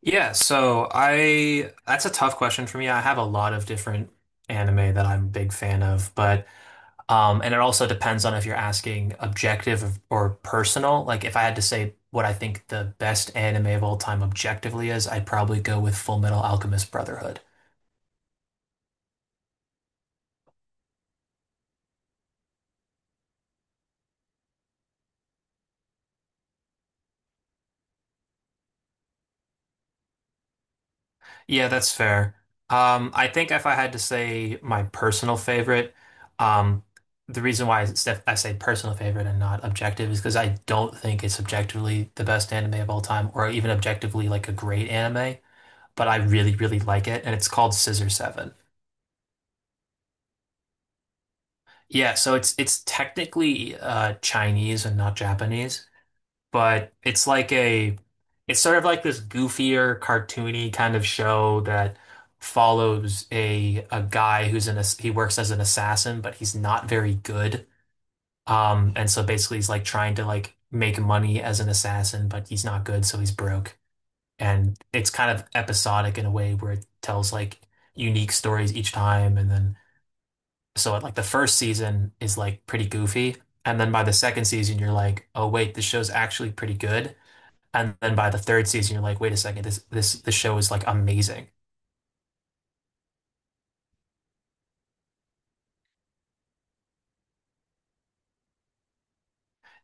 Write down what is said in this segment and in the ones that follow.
Yeah, so I that's a tough question for me. I have a lot of different anime that I'm a big fan of, but and it also depends on if you're asking objective or personal. Like if I had to say what I think the best anime of all time objectively is, I'd probably go with Full Metal Alchemist Brotherhood. Yeah, that's fair. I think if I had to say my personal favorite, um, the reason why I say personal favorite and not objective is because I don't think it's objectively the best anime of all time, or even objectively like a great anime. But I really, really like it, and it's called Scissor Seven. Yeah, so it's technically Chinese and not Japanese, but it's sort of like this goofier, cartoony kind of show that follows a guy who's an he works as an assassin, but he's not very good. And so basically he's like trying to like make money as an assassin, but he's not good, so he's broke. And it's kind of episodic in a way where it tells like unique stories each time. And then so like the first season is like pretty goofy. And then by the second season, you're like, oh wait, this show's actually pretty good. And then by the third season, you're like, wait a second, this the show is like amazing.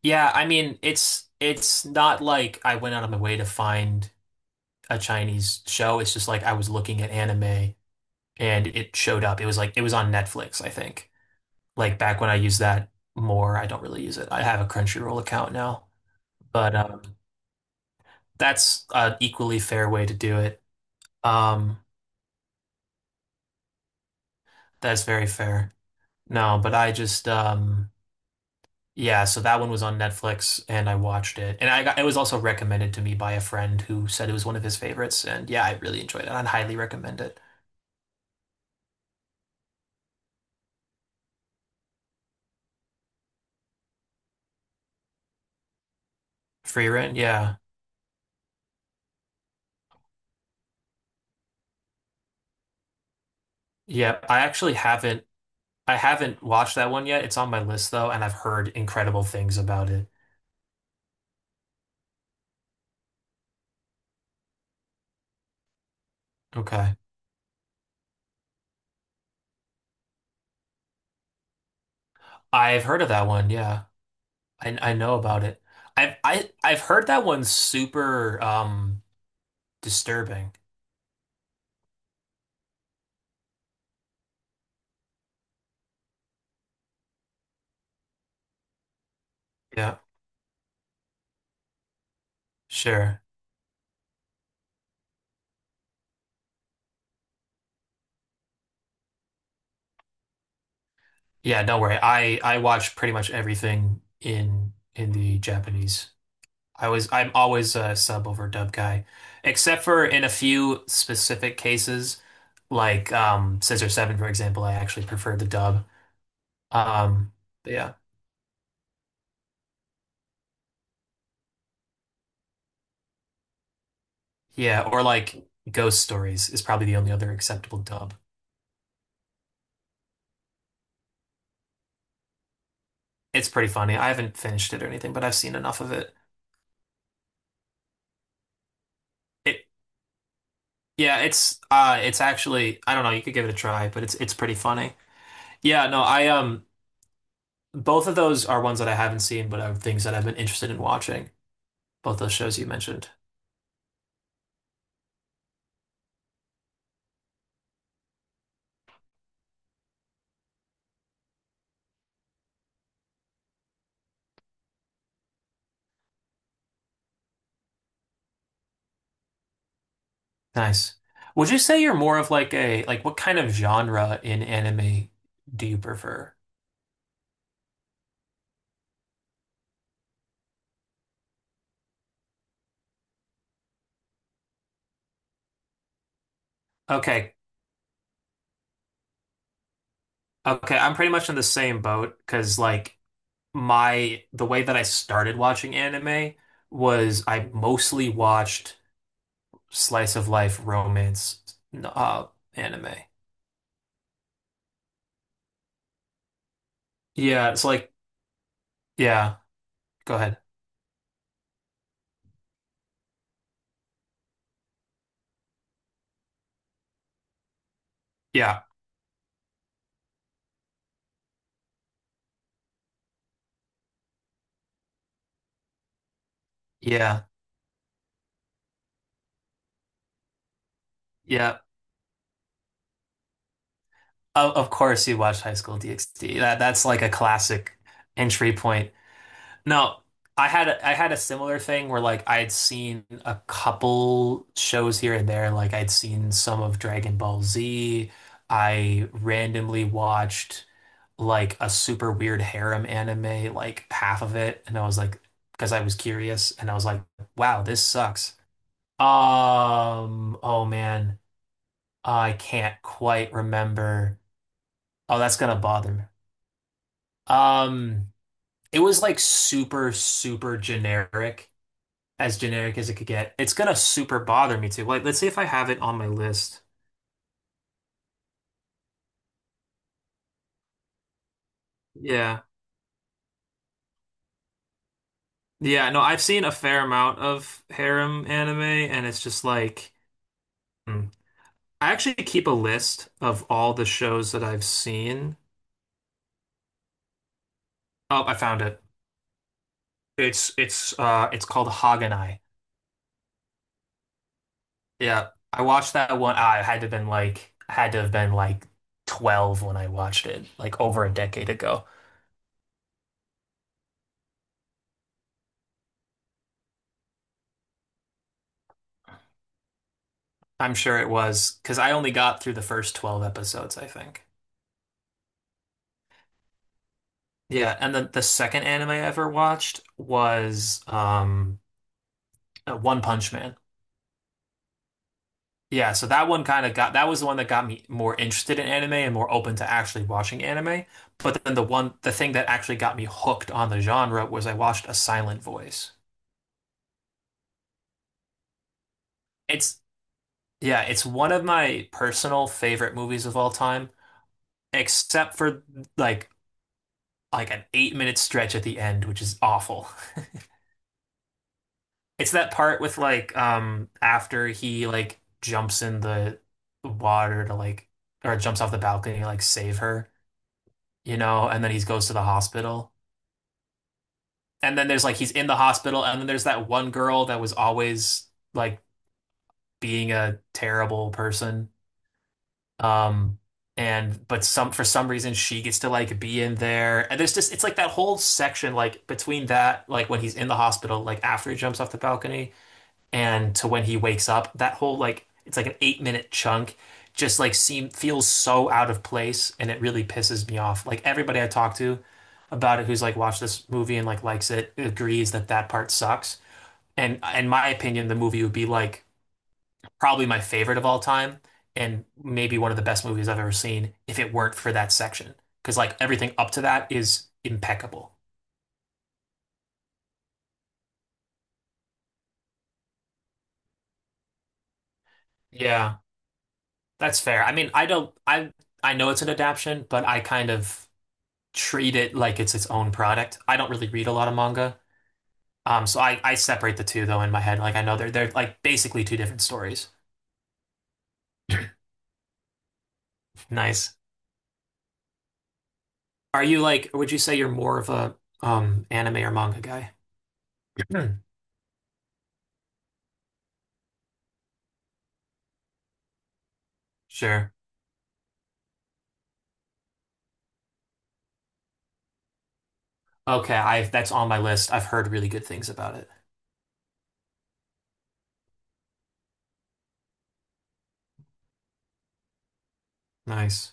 Yeah, I mean, it's not like I went out of my way to find a Chinese show. It's just like I was looking at anime and it showed up. It was like it was on Netflix, I think. Like back when I used that more, I don't really use it. I have a Crunchyroll account now, but that's an equally fair way to do it. Um, that's very fair. No, but I just yeah, so that one was on Netflix and I watched it. And I got, it was also recommended to me by a friend who said it was one of his favorites. And yeah, I really enjoyed it. I'd highly recommend it. Free Rent, yeah. Yeah, I haven't watched that one yet. It's on my list though, and I've heard incredible things about it. Okay. I've heard of that one, yeah. I know about it. I've heard that one's super disturbing. Yeah, sure. Yeah, don't worry. I watch pretty much everything in the Japanese. I'm always a sub over dub guy, except for in a few specific cases, like Scissor 7, for example, I actually prefer the dub. Um yeah. Yeah, or like Ghost Stories is probably the only other acceptable dub. It's pretty funny. I haven't finished it or anything, but I've seen enough of it. It yeah, it's actually I don't know, you could give it a try, but it's pretty funny. Yeah, no, I both of those are ones that I haven't seen, but are things that I've been interested in watching. Both those shows you mentioned. Nice. Would you say you're more of like what kind of genre in anime do you prefer? Okay. Okay, I'm pretty much in the same boat because like my the way that I started watching anime was I mostly watched slice of life romance uh anime. Yeah, it's like yeah, go ahead. Yeah. Yeah. Yeah. Of course you watched High School DxD. That's like a classic entry point. No, I had a similar thing where like I had seen a couple shows here and there. Like I'd seen some of Dragon Ball Z. I randomly watched like a super weird harem anime, like half of it, and I was like, because I was curious, and I was like, wow, this sucks. Oh man, I can't quite remember. Oh, that's gonna bother me. Um, it was like super, super generic. As generic as it could get. It's gonna super bother me too. Like, let's see if I have it on my list. Yeah. Yeah, no, I've seen a fair amount of harem anime, and it's just like, hmm. I actually keep a list of all the shows that I've seen. Oh, I found it. It's it's called Haganai. Yeah. I watched that one. I had to have been like 12 when I watched it, like over a decade ago. I'm sure it was because I only got through the first 12 episodes, I think. Yeah, and then the second anime I ever watched was One Punch Man. Yeah, so that was the one that got me more interested in anime and more open to actually watching anime. But then the thing that actually got me hooked on the genre was I watched A Silent Voice. It's yeah, it's one of my personal favorite movies of all time, except for like like an 8 minute stretch at the end, which is awful. It's that part with like after he like jumps in the water to like or jumps off the balcony to like save her, you know, and then he goes to the hospital. And then there's like he's in the hospital and then there's that one girl that was always like being a terrible person. Um and but some for some reason she gets to like be in there. And there's just it's like that whole section like between that like when he's in the hospital like after he jumps off the balcony and to when he wakes up, that whole like it's like an 8 minute chunk just like seem feels so out of place and it really pisses me off. Like everybody I talk to about it who's like watched this movie and like likes it agrees that that part sucks. And in my opinion, the movie would be like probably my favorite of all time and maybe one of the best movies I've ever seen if it weren't for that section. Because like everything up to that is impeccable. Yeah, that's fair. I mean, I don't I know it's an adaptation, but I kind of treat it like it's its own product. I don't really read a lot of manga. I separate the two though in my head. Like I know they're like basically two different stories. Nice. Are you like, would you say you're more of a anime or manga guy? Hmm. Sure. Okay, I that's on my list. I've heard really good things about it. Nice.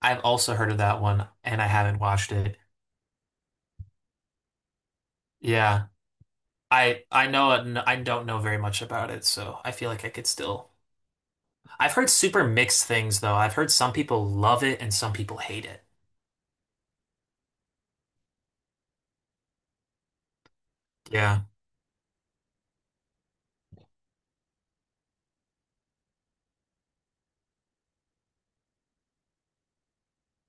I've also heard of that one and I haven't watched it. Yeah. I don't know very much about it, so I feel like I could still I've heard super mixed things though. I've heard some people love it and some people hate it. Yeah.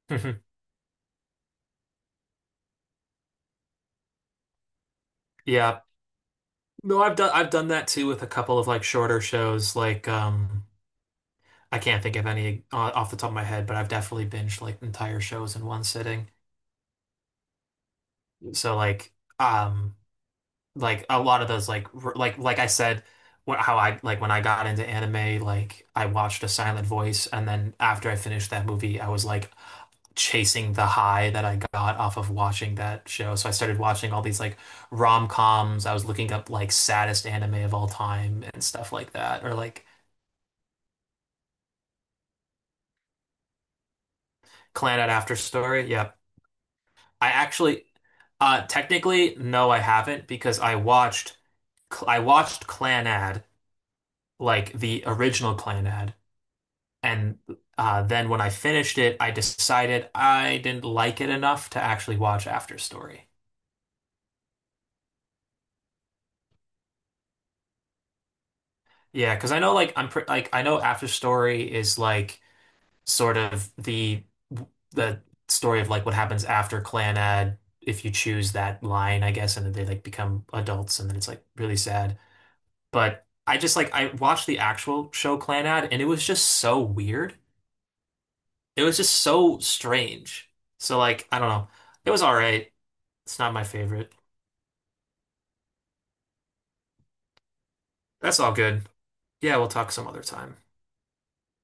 Yeah. No, I've done that too with a couple of like shorter shows like I can't think of any off the top of my head, but I've definitely binged like entire shows in one sitting. So um like a lot of those like I said how I like when I got into anime like I watched A Silent Voice and then after I finished that movie I was like chasing the high that I got off of watching that show. So I started watching all these like rom-coms. I was looking up like saddest anime of all time and stuff like that, or like Clannad After Story. Yep. I actually, technically, no, I haven't because I watched Clannad, like the original Clannad, and then when I finished it, I decided I didn't like it enough to actually watch After Story. Yeah, because I know like I'm pre like I know After Story is like sort of the story of like what happens after Clannad if you choose that line, I guess, and then they like become adults and then it's like really sad. But I just like I watched the actual show Clannad and it was just so weird. It was just so strange. So like I don't know. It was all right. It's not my favorite. That's all good. Yeah, we'll talk some other time.